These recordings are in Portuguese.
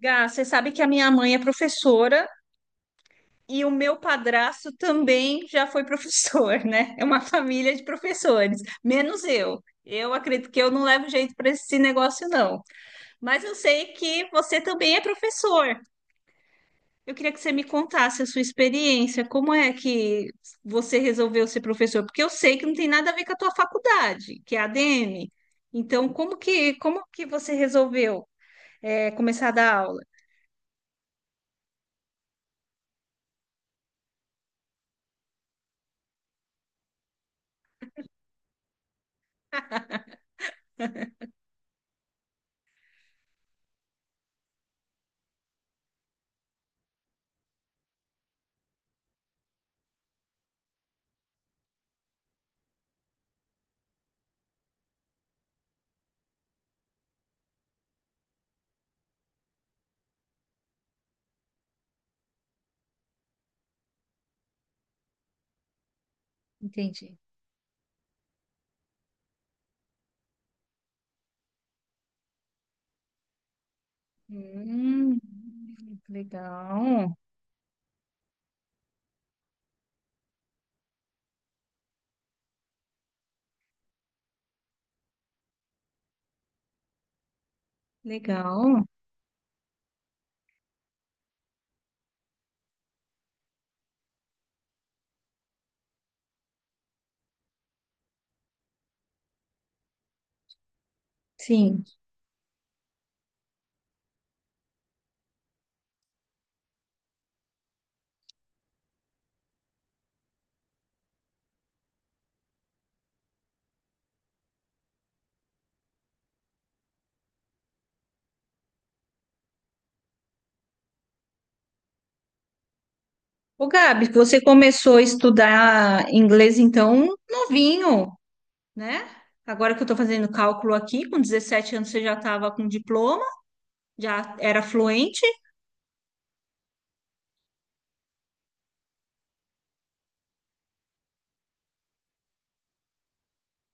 Gá, você sabe que a minha mãe é professora e o meu padrasto também já foi professor, né? É uma família de professores, menos eu. Eu acredito que eu não levo jeito para esse negócio, não. Mas eu sei que você também é professor. Eu queria que você me contasse a sua experiência, como é que você resolveu ser professor? Porque eu sei que não tem nada a ver com a tua faculdade, que é a ADM. Então, como que você resolveu, começar a dar aula? Entendi. Hum, legal, legal. Sim. Ô, Gabi, você começou a estudar inglês, então, novinho, né? Agora que eu estou fazendo cálculo aqui, com 17 anos você já estava com diploma, já era fluente?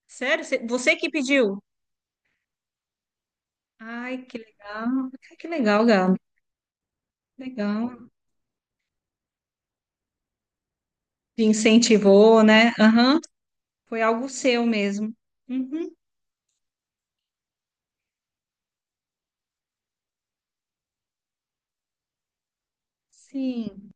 Sério? Você que pediu? Ai, que legal. Ai, que legal, Gabi. Legal. Te incentivou, né? Aham. Foi algo seu mesmo. Uhum. Sim.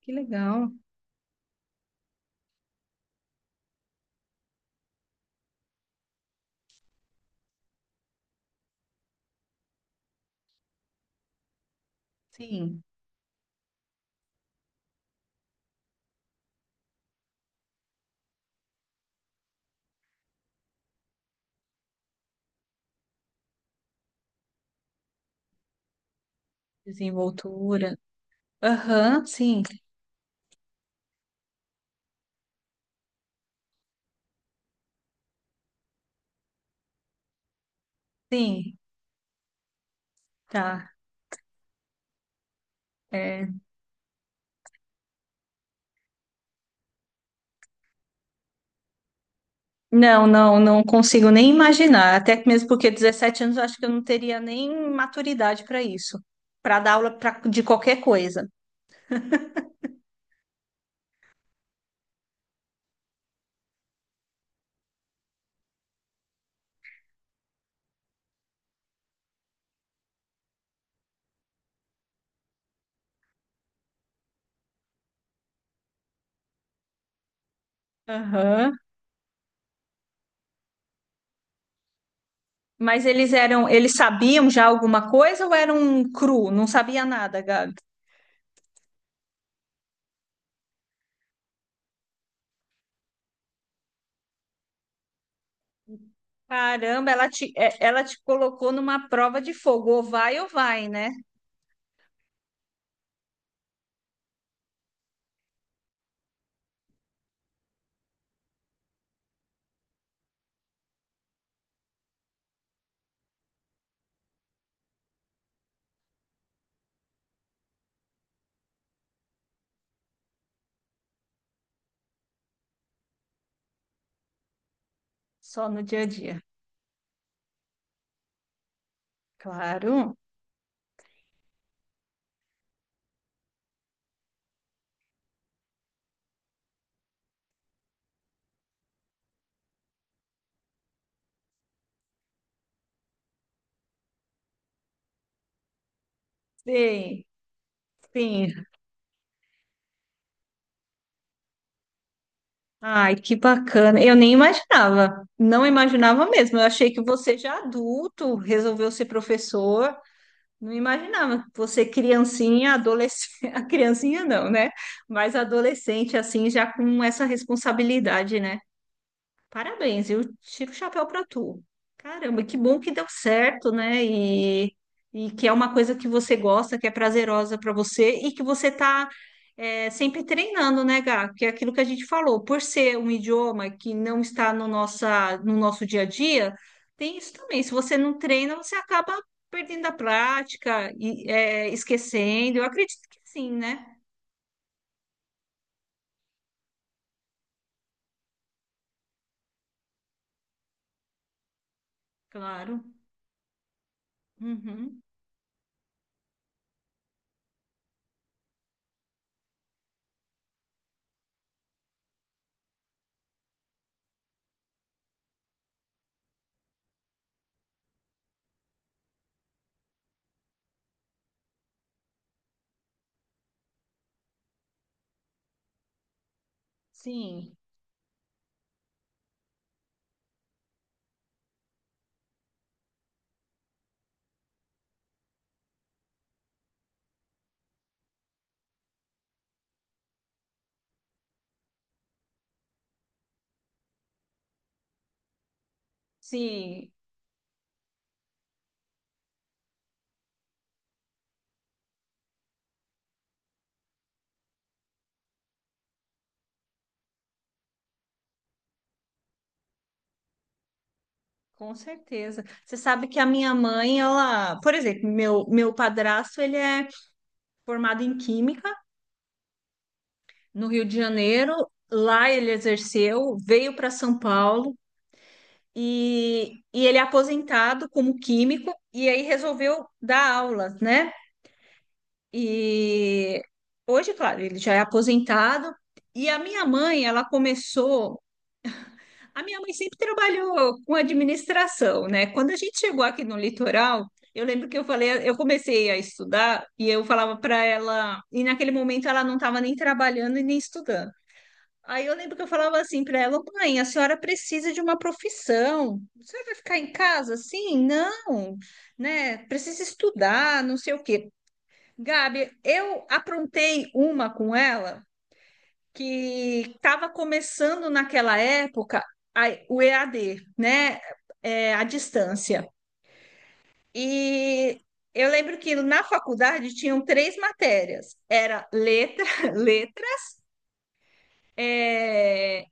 Que legal. Sim. Desenvoltura. Aham, sim, sim, tá. É. Não consigo nem imaginar. Até que mesmo porque 17 anos eu acho que eu não teria nem maturidade para isso, para dar aula pra, de qualquer coisa. Aham. Mas eles eram, eles sabiam já alguma coisa ou eram cru? Não sabia nada, Gabi. Caramba, ela te, ela te colocou numa prova de fogo, ou vai, né? Só no dia a dia. Claro. Sim, sim. Ai, que bacana. Eu nem imaginava. Não imaginava mesmo. Eu achei que você já adulto resolveu ser professor. Não imaginava. Você criancinha, adolescente, a criancinha não, né? Mas adolescente assim já com essa responsabilidade, né? Parabéns, eu tiro o chapéu para tu. Caramba, que bom que deu certo, né? E que é uma coisa que você gosta, que é prazerosa para você e que você tá é, sempre treinando, né, Gá? Que é aquilo que a gente falou, por ser um idioma que não está no nosso dia a dia, tem isso também. Se você não treina, você acaba perdendo a prática e é, esquecendo. Eu acredito que sim, né? Claro. Uhum. Sim, sim. Com certeza. Você sabe que a minha mãe, ela, por exemplo, meu padrasto, ele é formado em Química no Rio de Janeiro. Lá ele exerceu, veio para São Paulo e ele é aposentado como químico e aí resolveu dar aulas, né? E hoje, claro, ele já é aposentado. E a minha mãe, ela começou. A minha mãe sempre trabalhou com administração, né? Quando a gente chegou aqui no litoral, eu lembro que eu falei, eu comecei a estudar e eu falava para ela, e naquele momento ela não estava nem trabalhando e nem estudando. Aí eu lembro que eu falava assim para ela: mãe, a senhora precisa de uma profissão. A senhora vai ficar em casa assim? Não, né? Precisa estudar, não sei o quê. Gabi, eu aprontei uma com ela que estava começando naquela época o EAD, né? É, a distância. E eu lembro que na faculdade tinham três matérias: era letra, letra, é,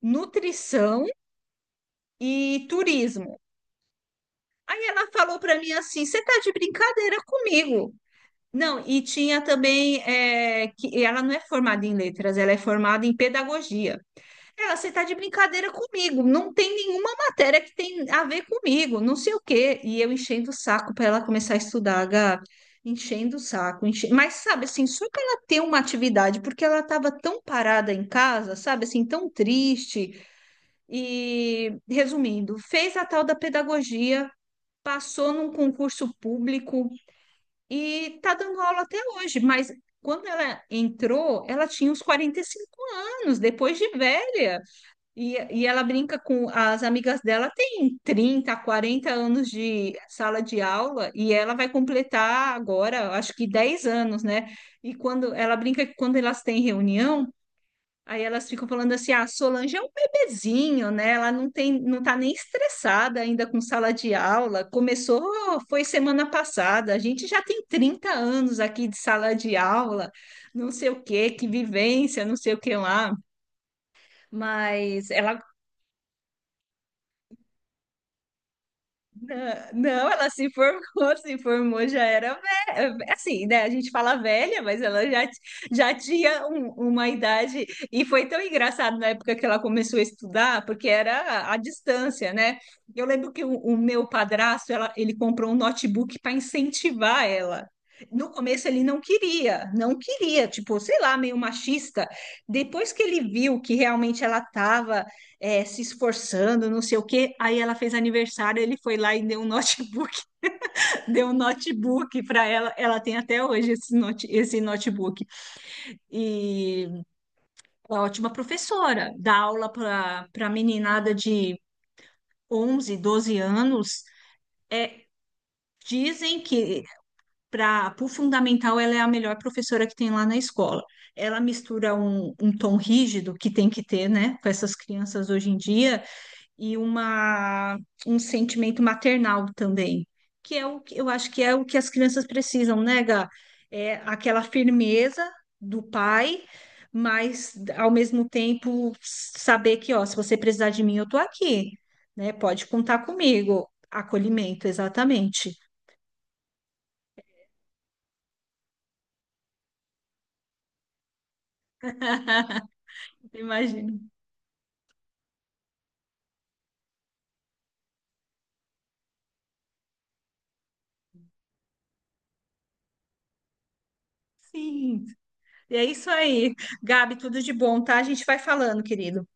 nutrição e turismo. Aí ela falou para mim assim: você tá de brincadeira comigo? Não, e tinha também é, que ela não é formada em letras, ela é formada em pedagogia. É, você tá de brincadeira comigo. Não tem nenhuma matéria que tem a ver comigo, não sei o quê. E eu enchendo o saco para ela começar a estudar, Gabi. Enchendo o saco. Mas, sabe, assim, só para ela ter uma atividade, porque ela estava tão parada em casa, sabe, assim, tão triste. E, resumindo, fez a tal da pedagogia, passou num concurso público e tá dando aula até hoje. Mas quando ela entrou, ela tinha uns 45 anos, depois de velha. E ela brinca com as amigas dela, tem 30 40 anos de sala de aula, e ela vai completar agora, acho que 10 anos, né? E quando ela brinca que quando elas têm reunião, aí elas ficam falando assim: ah, a Solange é um bebezinho, né? Ela não tem, não tá nem estressada ainda com sala de aula. Começou, foi semana passada, a gente já tem 30 anos aqui de sala de aula, não sei o quê, que vivência, não sei o que lá. Mas ela. Não, não, ela se formou, se formou, já era velha. Assim, né? A gente fala velha, mas ela já, já tinha uma idade. E foi tão engraçado na época que ela começou a estudar, porque era à distância, né? Eu lembro que o meu padrasto, ela, ele comprou um notebook para incentivar ela. No começo ele não queria, tipo, sei lá, meio machista. Depois que ele viu que realmente ela estava é, se esforçando, não sei o quê. Aí ela fez aniversário, ele foi lá e deu um notebook, deu um notebook para ela. Ela tem até hoje esse, note, esse notebook. E ela é ótima professora, dá aula para meninada de 11, 12 anos. Dizem que para o fundamental ela é a melhor professora que tem lá na escola. Ela mistura um tom rígido que tem que ter, né, com essas crianças hoje em dia, e uma, um sentimento maternal também, que é o que eu acho que é o que as crianças precisam, né, Gá? É aquela firmeza do pai, mas ao mesmo tempo saber que, ó, se você precisar de mim, eu tô aqui, né? Pode contar comigo. Acolhimento, exatamente. Imagino. Sim, é isso aí. Gabi, tudo de bom, tá? A gente vai falando, querido.